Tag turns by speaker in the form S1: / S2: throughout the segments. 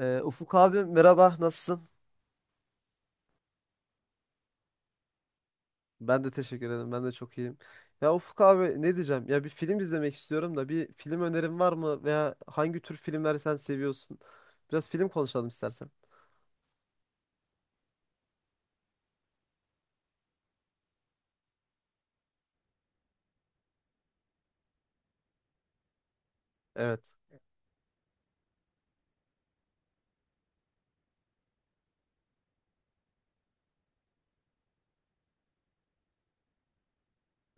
S1: Ufuk abi, merhaba, nasılsın? Ben de teşekkür ederim, ben de çok iyiyim. Ya Ufuk abi ne diyeceğim? Ya bir film izlemek istiyorum da bir film önerin var mı? Veya hangi tür filmler sen seviyorsun? Biraz film konuşalım istersen. Evet.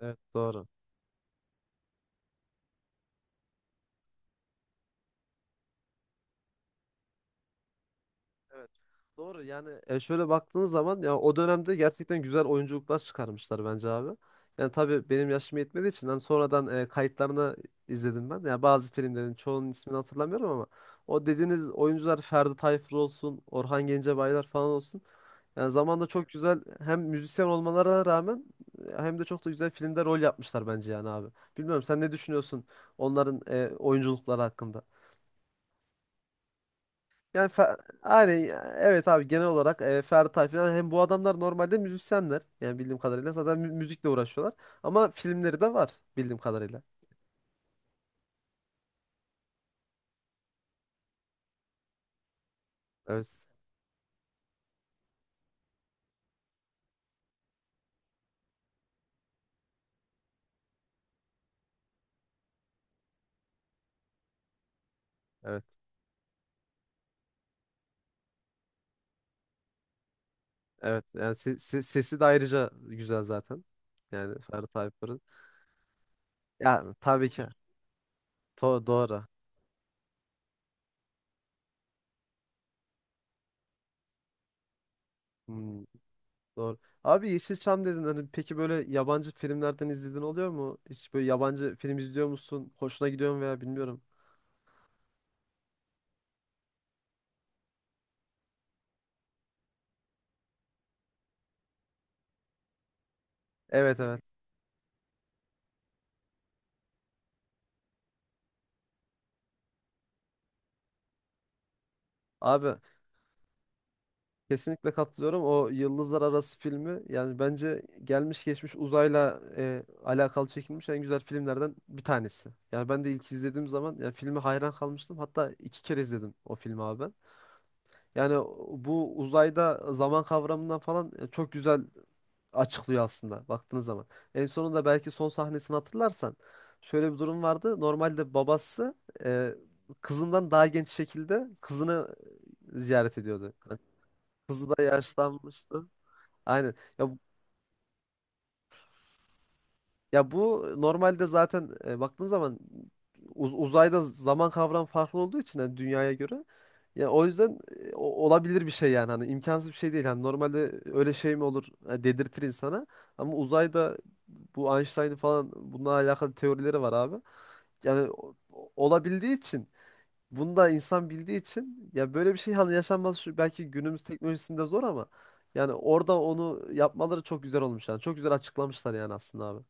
S1: Evet, doğru. Evet. Doğru yani şöyle baktığınız zaman ya o dönemde gerçekten güzel oyunculuklar çıkarmışlar bence abi. Yani tabii benim yaşım yetmediği için hani sonradan kayıtlarını izledim ben. Yani bazı filmlerin çoğunun ismini hatırlamıyorum ama o dediğiniz oyuncular Ferdi Tayfur olsun, Orhan Gencebaylar falan olsun. Yani zamanda çok güzel hem müzisyen olmalarına rağmen hem de çok da güzel filmde rol yapmışlar bence yani abi. Bilmiyorum sen ne düşünüyorsun onların oyunculukları hakkında? Yani Fer- yani evet abi, genel olarak Ferdi falan, hem bu adamlar normalde müzisyenler. Yani bildiğim kadarıyla zaten müzikle uğraşıyorlar. Ama filmleri de var bildiğim kadarıyla. Evet. Evet. Evet. Yani sesi de ayrıca güzel zaten. Yani Ferdi Tayfur'un. Yani tabii ki. Doğru. Hmm, doğru. Abi Yeşilçam dedin hani, peki böyle yabancı filmlerden izlediğin oluyor mu? Hiç böyle yabancı film izliyor musun? Hoşuna gidiyor mu veya bilmiyorum. Evet, evet. Abi, kesinlikle katılıyorum. O Yıldızlar Arası filmi yani bence gelmiş geçmiş uzayla alakalı çekilmiş en güzel filmlerden bir tanesi. Yani ben de ilk izlediğim zaman yani filme hayran kalmıştım. Hatta iki kere izledim o filmi abi ben. Yani bu uzayda zaman kavramından falan çok güzel açıklıyor aslında baktığınız zaman. En sonunda belki son sahnesini hatırlarsan şöyle bir durum vardı. Normalde babası e, kızından daha genç şekilde kızını ziyaret ediyordu. Yani kızı da yaşlanmıştı. Aynen. Ya bu normalde zaten baktığın zaman uzayda zaman kavramı farklı olduğu için hani dünyaya göre. Ya o yüzden olabilir bir şey yani, hani imkansız bir şey değil. Hani normalde öyle şey mi olur dedirtir insana. Ama uzayda bu Einstein'ın falan bununla alakalı teorileri var abi. Yani olabildiği için bunu da insan bildiği için ya böyle bir şey hani yaşanması şu belki günümüz teknolojisinde zor ama yani orada onu yapmaları çok güzel olmuş yani. Çok güzel açıklamışlar yani aslında abi.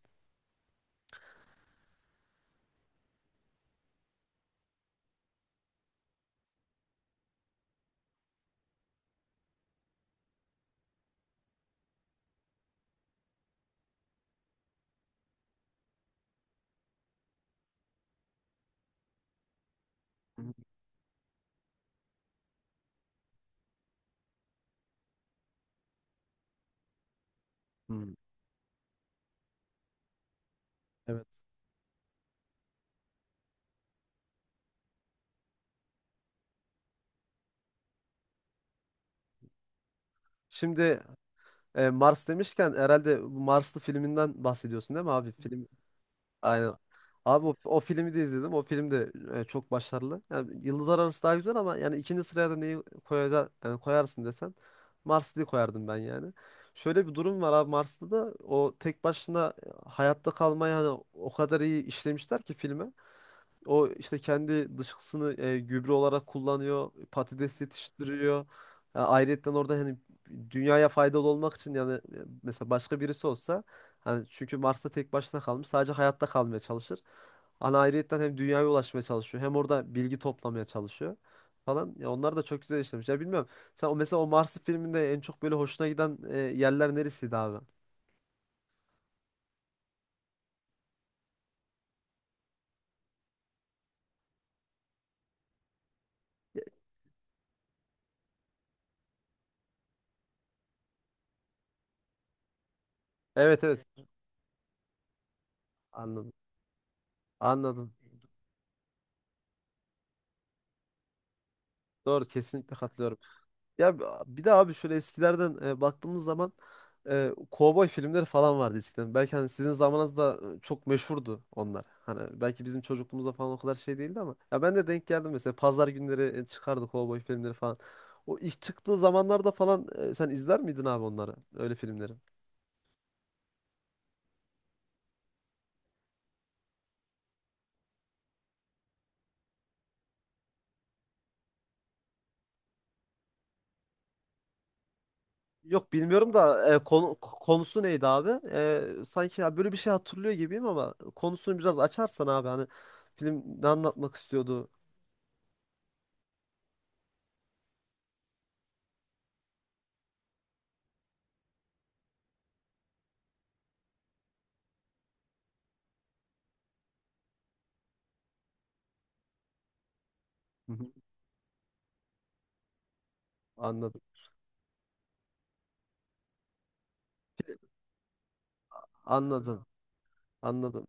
S1: Hmm. Evet. Şimdi Mars demişken herhalde bu Marslı filminden bahsediyorsun değil mi abi? Film aynen. Abi o, o filmi de izledim. O film de çok başarılı. Yani Yıldızlar Arası daha güzel ama yani ikinci sıraya da neyi koyacak yani koyarsın desen Marslı'yı koyardım ben yani. Şöyle bir durum var abi, Marslı'da da o tek başına hayatta kalmayı hani o kadar iyi işlemişler ki filme. O işte kendi dışkısını gübre olarak kullanıyor. Patates yetiştiriyor. Yani ayrıyetten orada hani dünyaya faydalı olmak için yani, mesela başka birisi olsa hani, çünkü Mars'ta tek başına kalmış sadece hayatta kalmaya çalışır. Hani ayrıyetten hem dünyaya ulaşmaya çalışıyor hem orada bilgi toplamaya çalışıyor falan. Ya onlar da çok güzel işlemiş. Ya bilmiyorum. Sen o mesela o Mars'ı filminde en çok böyle hoşuna giden yerler neresiydi abi? Evet, evet. Anladım. Anladım. Doğru, kesinlikle katılıyorum. Ya bir de abi şöyle eskilerden baktığımız zaman kovboy filmleri falan vardı eskiden. Belki hani sizin zamanınızda çok meşhurdu onlar. Hani belki bizim çocukluğumuzda falan o kadar şey değildi ama ya ben de denk geldim mesela pazar günleri çıkardı kovboy filmleri falan. O ilk çıktığı zamanlarda falan sen izler miydin abi onları, öyle filmleri? Yok bilmiyorum da konusu neydi abi? Sanki ya böyle bir şey hatırlıyor gibiyim ama konusunu biraz açarsan abi hani film ne anlatmak istiyordu? Hı hı. Anladım. Anladım. Anladım.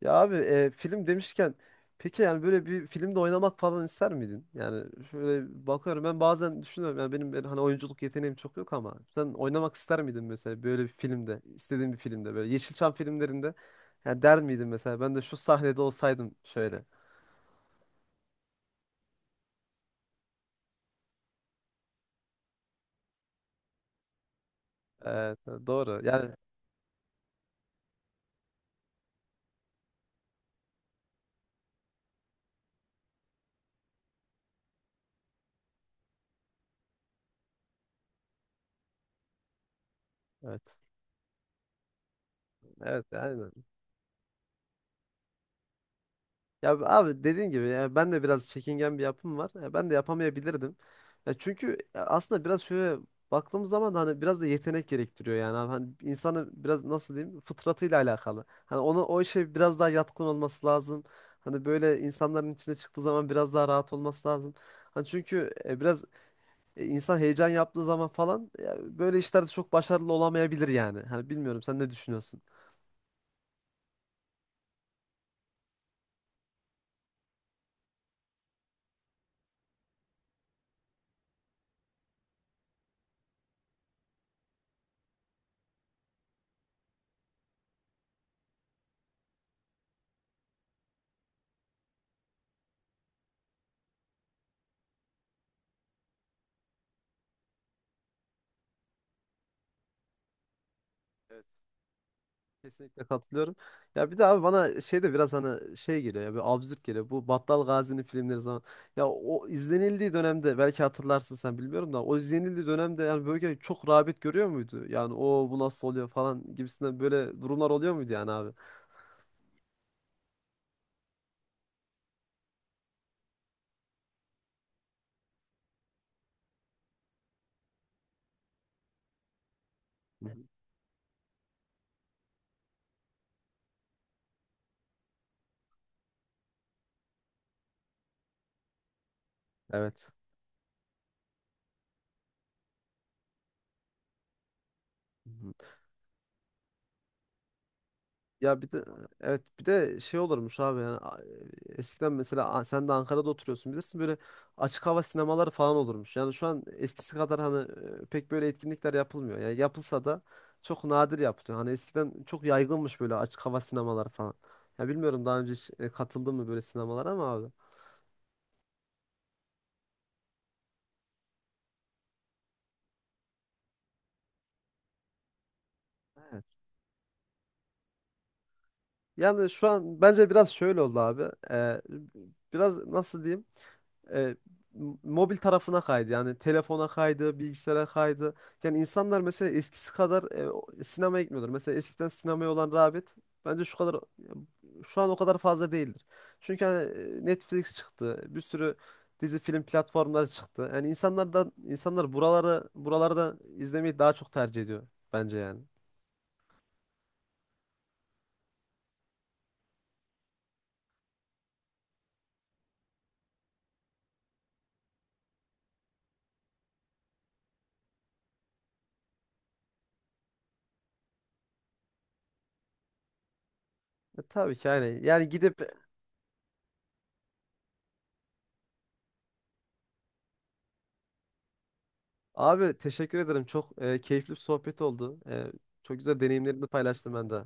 S1: Ya abi film demişken peki yani böyle bir filmde oynamak falan ister miydin? Yani şöyle bakıyorum, ben bazen düşünüyorum yani benim hani oyunculuk yeteneğim çok yok ama sen oynamak ister miydin mesela böyle bir filmde, istediğin bir filmde, böyle Yeşilçam filmlerinde yani der miydin mesela ben de şu sahnede olsaydım şöyle. Evet, doğru yani, evet evet yani. Ya abi dediğin gibi yani ben de biraz çekingen bir yapım var. Ya ben de yapamayabilirdim. Ya çünkü ya aslında biraz şöyle baktığımız zaman da hani biraz da yetenek gerektiriyor yani. Abi hani insanın biraz nasıl diyeyim fıtratıyla alakalı. Hani ona, o işe biraz daha yatkın olması lazım. Hani böyle insanların içine çıktığı zaman biraz daha rahat olması lazım. Hani çünkü biraz insan heyecan yaptığı zaman falan ya böyle işlerde çok başarılı olamayabilir yani. Hani bilmiyorum sen ne düşünüyorsun? Kesinlikle katılıyorum. Ya bir de abi bana şey de biraz hani şey geliyor, ya bir absürt geliyor. Bu Battal Gazi'nin filmleri zaman. Ya o izlenildiği dönemde belki hatırlarsın sen bilmiyorum da o izlenildiği dönemde yani böyle çok rağbet görüyor muydu? Yani o bu nasıl oluyor falan gibisinden böyle durumlar oluyor muydu yani abi? Hı hı. Evet. Ya bir de evet, bir de şey olurmuş abi yani, eskiden mesela, sen de Ankara'da oturuyorsun bilirsin, böyle açık hava sinemaları falan olurmuş. Yani şu an eskisi kadar hani pek böyle etkinlikler yapılmıyor. Yani yapılsa da çok nadir yapılıyor. Hani eskiden çok yaygınmış böyle açık hava sinemaları falan. Ya bilmiyorum, daha önce hiç katıldın mı böyle sinemalara ama abi. Evet. Yani şu an bence biraz şöyle oldu abi. Ee, Biraz nasıl diyeyim? e, Mobil tarafına kaydı. Yani telefona kaydı, bilgisayara kaydı. Yani insanlar mesela eskisi kadar sinemaya gitmiyorlar. Mesela eskiden sinemaya olan rağbet bence şu kadar şu an o kadar fazla değildir. Çünkü hani Netflix çıktı. Bir sürü dizi film platformları çıktı. Yani insanlar da insanlar buralarda izlemeyi daha çok tercih ediyor bence yani. E, tabii ki yani. Yani gidip abi teşekkür ederim. Çok keyifli bir sohbet oldu. Çok güzel deneyimlerini paylaştım ben de.